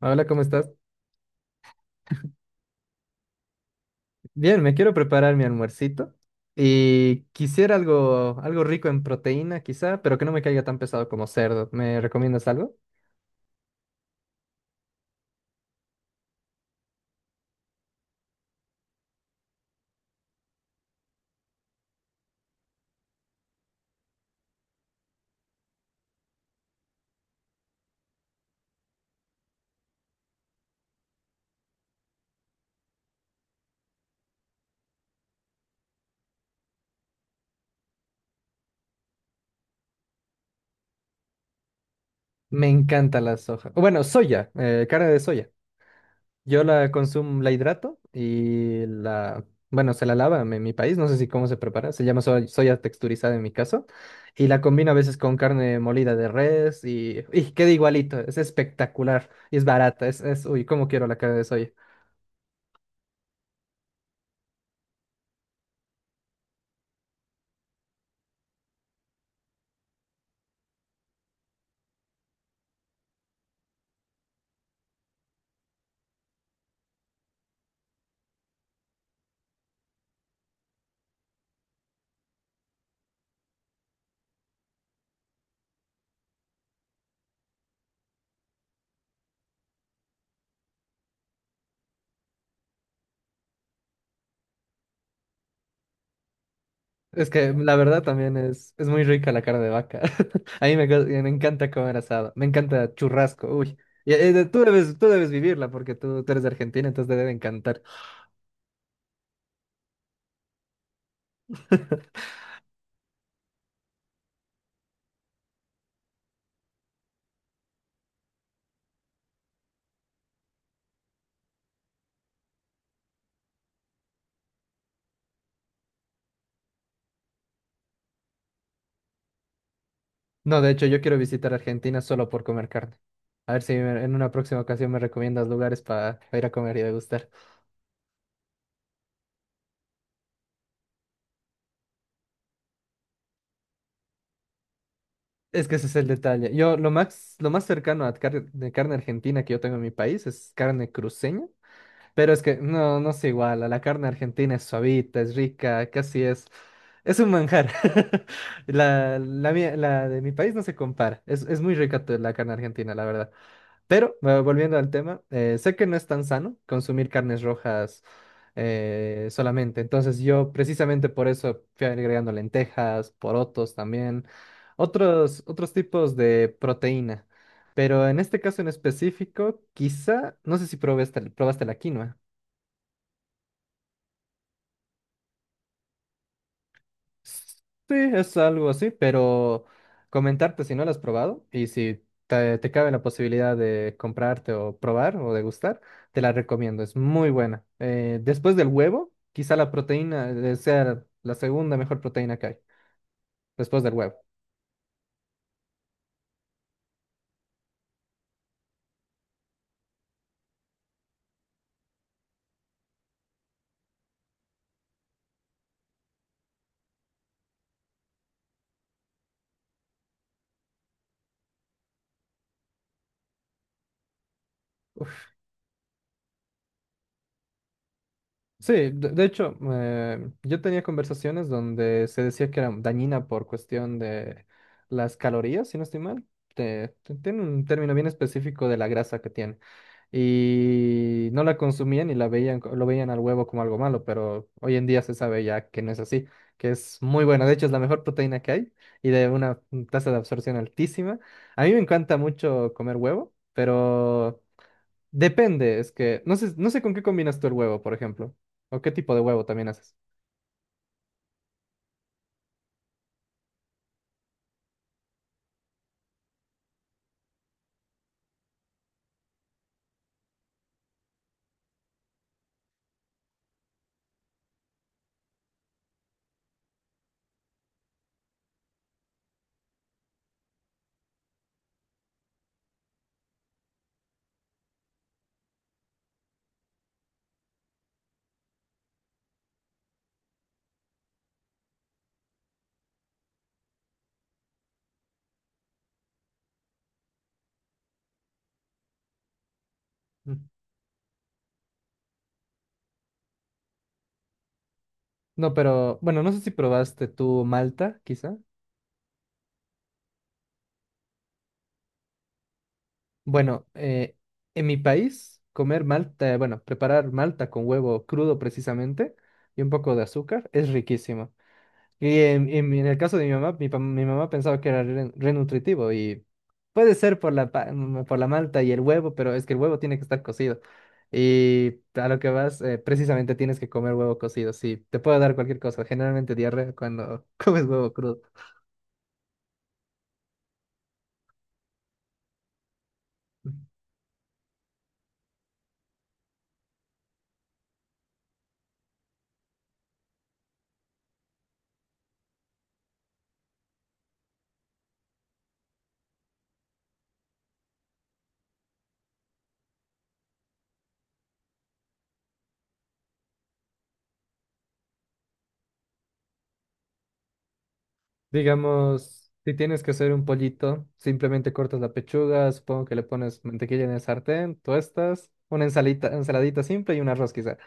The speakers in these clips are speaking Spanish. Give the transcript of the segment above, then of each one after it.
Hola, ¿cómo estás? Bien, me quiero preparar mi almuercito y quisiera algo rico en proteína, quizá, pero que no me caiga tan pesado como cerdo. ¿Me recomiendas algo? Me encanta la soja. O bueno, soya, carne de soya. Yo la consumo, la hidrato y bueno, se la lava en mi país, no sé si cómo se prepara, se llama soya, soya texturizada en mi caso, y la combino a veces con carne molida de res y queda igualito, es espectacular y es barata, uy, cómo quiero la carne de soya. Es que la verdad también es muy rica la carne de vaca. A me encanta comer asado. Me encanta churrasco. Uy. Y, tú debes vivirla porque tú eres de Argentina, entonces te debe encantar. No, de hecho, yo quiero visitar Argentina solo por comer carne. A ver si en una próxima ocasión me recomiendas lugares para ir a comer y degustar. Es que ese es el detalle. Yo lo más cercano a de carne argentina que yo tengo en mi país es carne cruceña. Pero es que no, no se iguala. La carne argentina es suavita, es rica, casi es. Es un manjar. La de mi país no se compara. Es muy rica la carne argentina, la verdad. Pero volviendo al tema, sé que no es tan sano consumir carnes rojas solamente. Entonces yo precisamente por eso fui agregando lentejas, porotos también, otros tipos de proteína. Pero en este caso en específico, quizá, no sé si probaste la quinoa. Sí, es algo así, pero comentarte si no lo has probado y si te cabe la posibilidad de comprarte o probar o degustar, te la recomiendo, es muy buena. Después del huevo, quizá la proteína sea la segunda mejor proteína que hay, después del huevo. Sí, de hecho, yo tenía conversaciones donde se decía que era dañina por cuestión de las calorías, si no estoy mal. Tiene un término bien específico de la grasa que tiene. Y no la consumían y la veían, lo veían al huevo como algo malo, pero hoy en día se sabe ya que no es así, que es muy buena. De hecho, es la mejor proteína que hay y de una tasa de absorción altísima. A mí me encanta mucho comer huevo, pero... Depende, es que no sé, no sé con qué combinas tú el huevo, por ejemplo, o qué tipo de huevo también haces. Mm. No, pero bueno, no sé si probaste tú malta, quizá. Bueno, en mi país, comer malta, bueno, preparar malta con huevo crudo precisamente y un poco de azúcar es riquísimo. Y en el caso de mi mamá, mi mamá pensaba que era renutritivo y puede ser por por la malta y el huevo, pero es que el huevo tiene que estar cocido. Y a lo que vas, precisamente tienes que comer huevo cocido. Sí, te puede dar cualquier cosa, generalmente diarrea cuando comes huevo crudo. Digamos, si tienes que hacer un pollito, simplemente cortas la pechuga, supongo que le pones mantequilla en el sartén, tuestas, una ensaladita simple y un arroz quizá.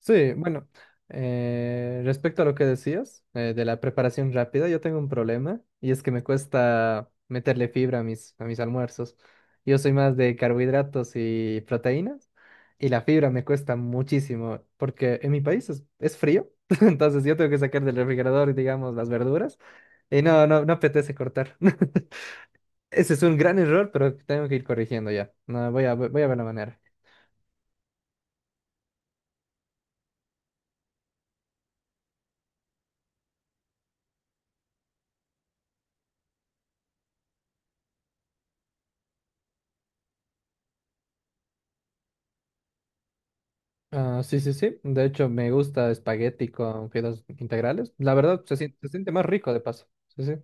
Sí, bueno, respecto a lo que decías de la preparación rápida, yo tengo un problema y es que me cuesta meterle fibra a a mis almuerzos. Yo soy más de carbohidratos y proteínas y la fibra me cuesta muchísimo porque en mi país es frío, entonces yo tengo que sacar del refrigerador, digamos, las verduras y no apetece cortar. Ese es un gran error, pero tengo que ir corrigiendo ya. No, voy a ver la manera. Ah, sí, sí, sí. De hecho, me gusta espagueti con fideos integrales. La verdad, se siente más rico de paso. Sí, sí.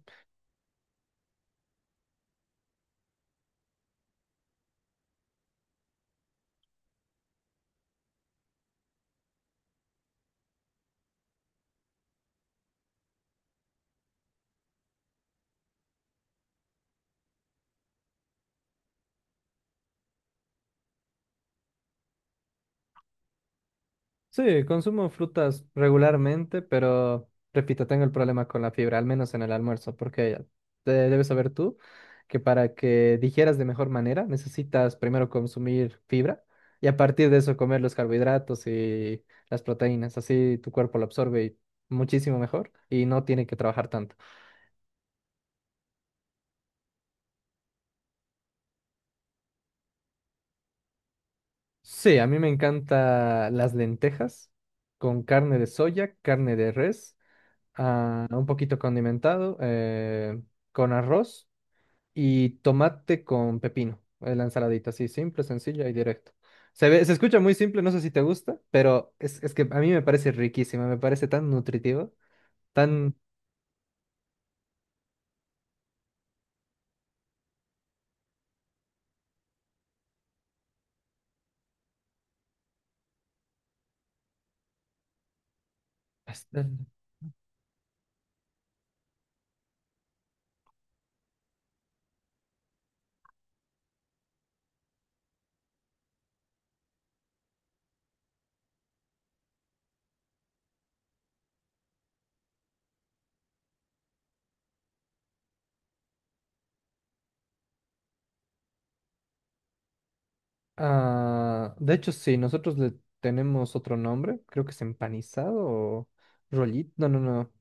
Sí, consumo frutas regularmente, pero repito, tengo el problema con la fibra, al menos en el almuerzo, porque te debes saber tú que para que digieras de mejor manera necesitas primero consumir fibra y a partir de eso comer los carbohidratos y las proteínas. Así tu cuerpo lo absorbe y muchísimo mejor y no tiene que trabajar tanto. Sí, a mí me encantan las lentejas con carne de soya, carne de res, ah, un poquito condimentado, con arroz y tomate con pepino. La ensaladita, así simple, sencilla y directa. Se ve, se escucha muy simple, no sé si te gusta, pero es que a mí me parece riquísima, me parece tan nutritivo, tan... Ah, de hecho, sí, nosotros le tenemos otro nombre, creo que es empanizado o rollito, no, no, no.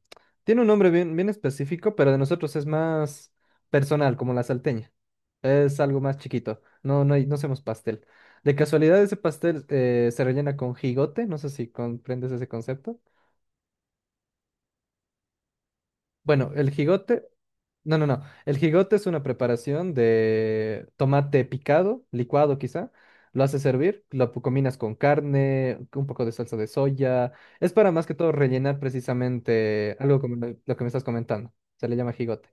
Tiene un nombre bien específico, pero de nosotros es más personal, como la salteña. Es algo más chiquito, no, no, no hacemos pastel. De casualidad, ese pastel se rellena con jigote, no sé si comprendes ese concepto. Bueno, el jigote, no, no, no. El jigote es una preparación de tomate picado, licuado quizá. Lo haces hervir, combinas con carne, un poco de salsa de soya. Es para más que todo rellenar precisamente algo como lo que me estás comentando. Se le llama jigote.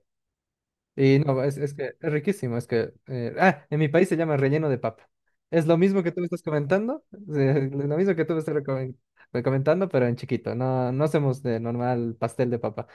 Y no, es que es riquísimo, es que... en mi país se llama relleno de papa. Es lo mismo que tú me estás comentando, lo mismo que tú me estás comentando, pero en chiquito. No, no hacemos de normal pastel de papa.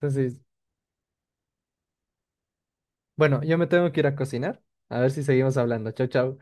Entonces, bueno, yo me tengo que ir a cocinar. A ver si seguimos hablando. Chau, chau.